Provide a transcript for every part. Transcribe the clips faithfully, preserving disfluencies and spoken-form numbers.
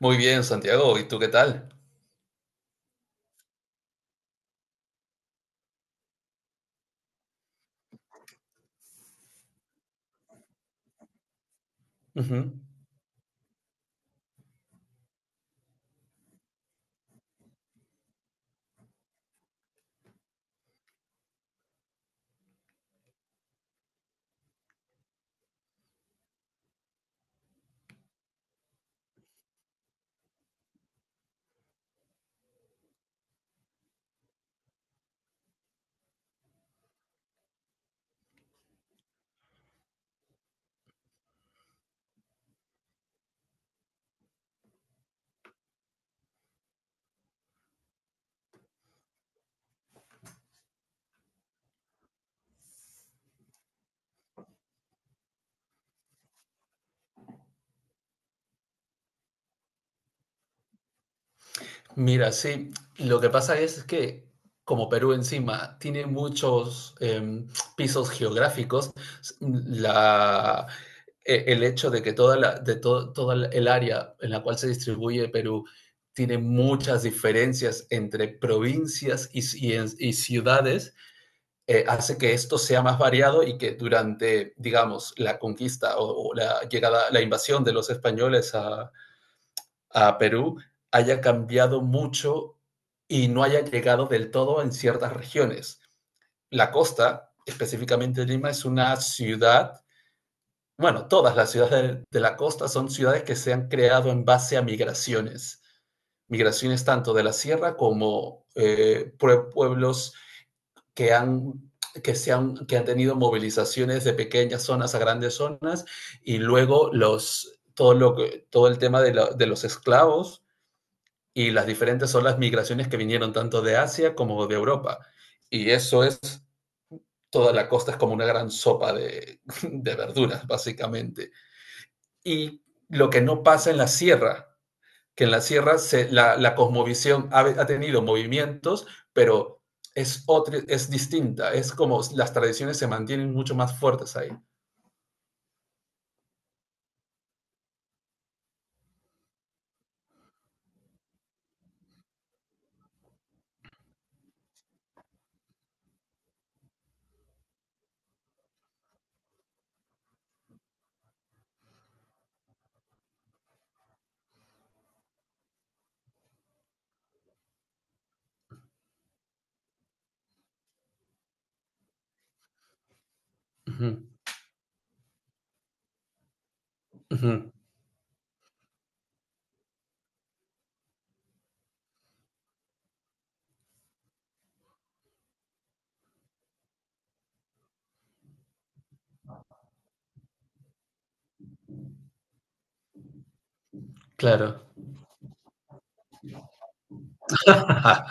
Muy bien, Santiago. ¿Y tú qué tal? Ujú. Mira, sí, lo que pasa es que como Perú encima tiene muchos em, pisos geográficos. s- la, e- el hecho de que toda la, de todo, toda la- el área en la cual se distribuye Perú tiene muchas diferencias entre provincias y, ci- y en- y ciudades, eh, hace que esto sea más variado y que durante, digamos, la conquista o, o la llegada, la invasión de los españoles a Perú haya cambiado mucho y no haya llegado del todo en ciertas regiones. La costa, específicamente Lima, es una ciudad, bueno, todas las ciudades de, de la costa son ciudades que se han creado en base a migraciones. Migraciones tanto de la sierra como eh, pueblos que han, que, se han, que han tenido movilizaciones de pequeñas zonas a grandes zonas y luego los, todo, lo, todo el tema de, la, de los esclavos y las diferentes son las migraciones que vinieron tanto de Asia como de Europa. Y eso es, Toda la costa es como una gran sopa de, de verduras, básicamente. Y lo que no pasa en la sierra, que en la sierra se, la, la, cosmovisión ha, ha, tenido movimientos, pero es, otra, es distinta, es como las tradiciones se mantienen mucho más fuertes ahí. Uh -huh, uh -huh, claro. Ajá.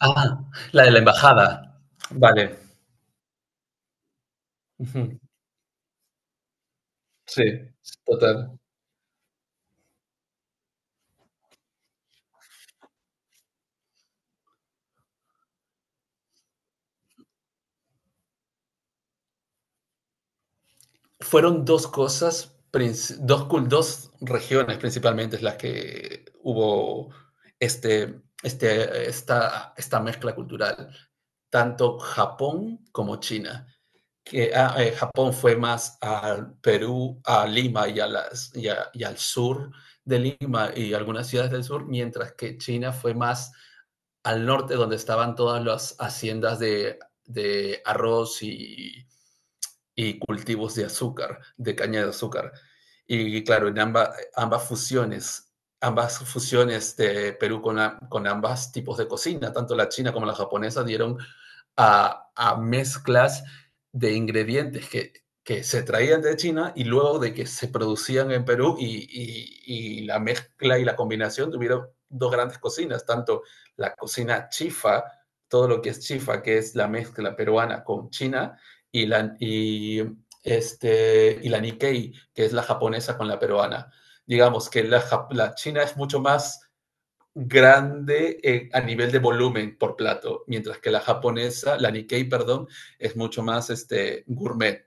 Ah, la de la embajada. Vale. Uh -huh. Sí, total. Fueron dos cosas, dos, dos regiones principalmente es las que hubo este, este, esta, esta mezcla cultural, tanto Japón como China. Que, ah, eh, Japón fue más al Perú, a Lima y, a las, y, a- y al sur de Lima y algunas ciudades del sur, mientras que China fue más al norte, donde estaban todas las haciendas de, de arroz y, y cultivos de azúcar, de caña de azúcar. Y claro, en amba, ambas fusiones, ambas fusiones de Perú con, la, con ambas tipos de cocina, tanto la china como la japonesa, dieron a, a mezclas de ingredientes que, que, se traían de China y luego de que se producían en Perú y, y, y la mezcla y la combinación tuvieron dos grandes cocinas, tanto la cocina chifa, todo lo que es chifa, que es la mezcla peruana con China, y la, y, este, y la Nikkei, que es la japonesa con la peruana. Digamos que la, la China es mucho más grande eh, a nivel de volumen por plato, mientras que la japonesa, la Nikkei, perdón, es mucho más este, gourmet.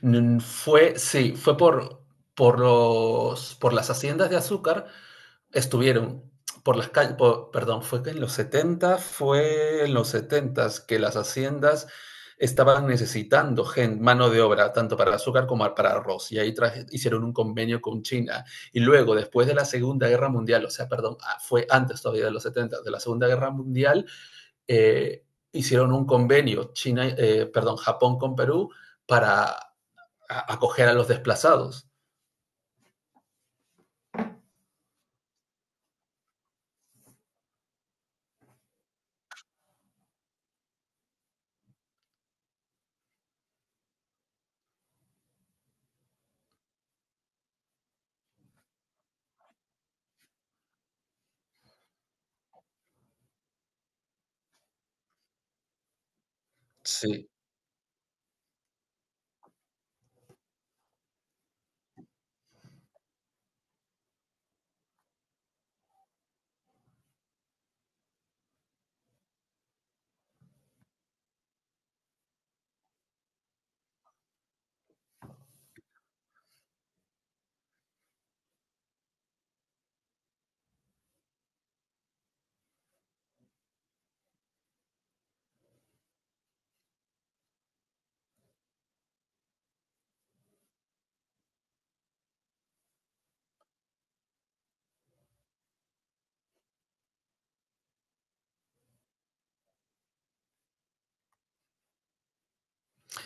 Mm, Fue, sí, fue por, por, los, por las haciendas de azúcar estuvieron por las calles, por, perdón, fue que en los setenta, fue en los setentas que las haciendas estaban necesitando gente mano de obra, tanto para el azúcar como para arroz, y ahí traje, hicieron un convenio con China. Y luego, después de la Segunda Guerra Mundial, o sea, perdón, ah, fue antes todavía de los setenta, de la Segunda Guerra Mundial, eh, hicieron un convenio, China, eh, perdón, Japón con Perú, para acoger a los desplazados. Sí,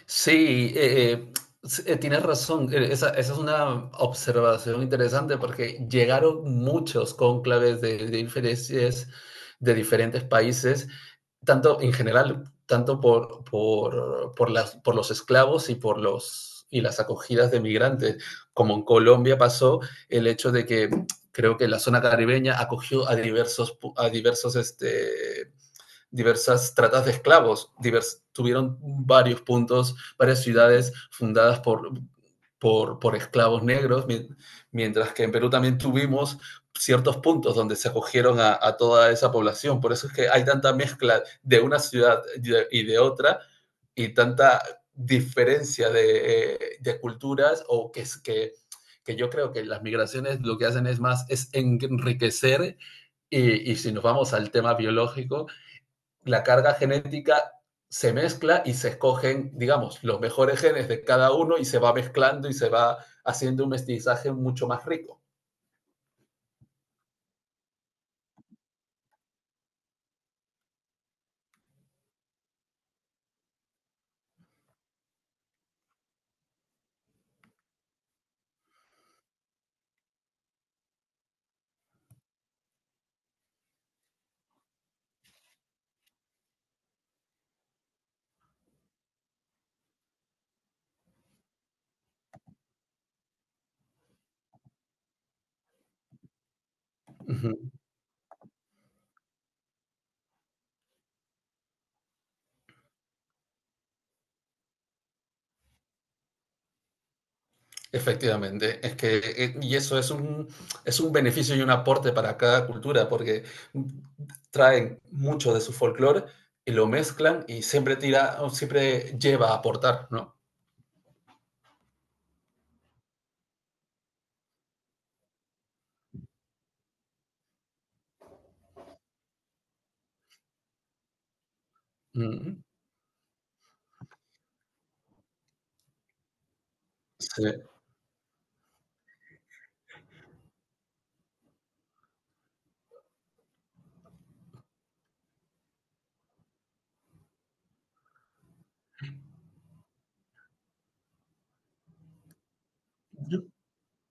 Sí, eh, eh, s- eh, tienes razón. Eh, Esa, esa es una observación interesante porque llegaron muchos cónclaves de, de diferentes, de diferentes países, tanto en general, tanto por, por, por las, por los esclavos y por los, y las acogidas de migrantes. Como en Colombia pasó el hecho de que creo que la zona caribeña acogió a diversos, pu- a diversos este, diversas tratas de esclavos, divers, tuvieron varios puntos, varias ciudades fundadas por, por, por, esclavos negros, mientras que en Perú también tuvimos ciertos puntos donde se acogieron a, a toda esa población. Por eso es que hay tanta mezcla de una ciudad y de otra y tanta diferencia de, eh, de culturas o que es que que yo creo que las migraciones lo que hacen es más es enriquecer y, y, si nos vamos al tema biológico, la carga genética se mezcla y se escogen, digamos, los mejores genes de cada uno y se va mezclando y se va haciendo un mestizaje mucho más rico. Uh -huh. Efectivamente, es que, eh, y eso es un, es un beneficio y un aporte para cada cultura, porque traen mucho de su folclore y lo mezclan y siempre tira, siempre lleva a aportar, ¿no? Uh -huh. Sí.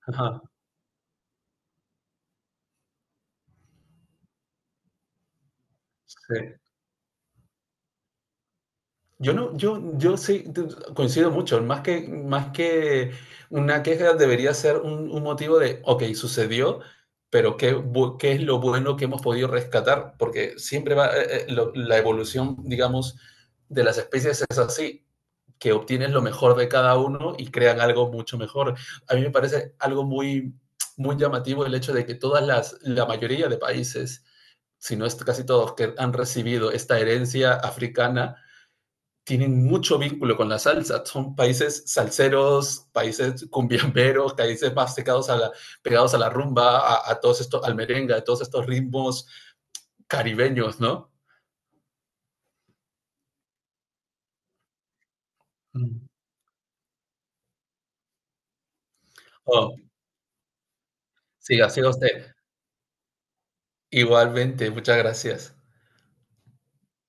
Ajá. Sí. Yo no, yo, yo sí t- coincido mucho. Más que, más que una queja debería ser un, un motivo de, ok, sucedió, pero ¿qué, bu- qué es lo bueno que hemos podido rescatar? Porque siempre va, eh, eh, lo- la evolución, digamos, de las especies es así, que obtienes lo mejor de cada uno y crean algo mucho mejor. A mí me parece algo muy, muy llamativo el hecho de que todas las, la mayoría de países si no es casi todos, que han recibido esta herencia africana, tienen mucho vínculo con la salsa. Son países salseros, países cumbiamberos, países más pegados a la, pegados a la rumba, a, a todos estos, al merengue, a todos estos ritmos caribeños, ¿no? Mm. Oh, siga, siga usted. Igualmente, muchas gracias.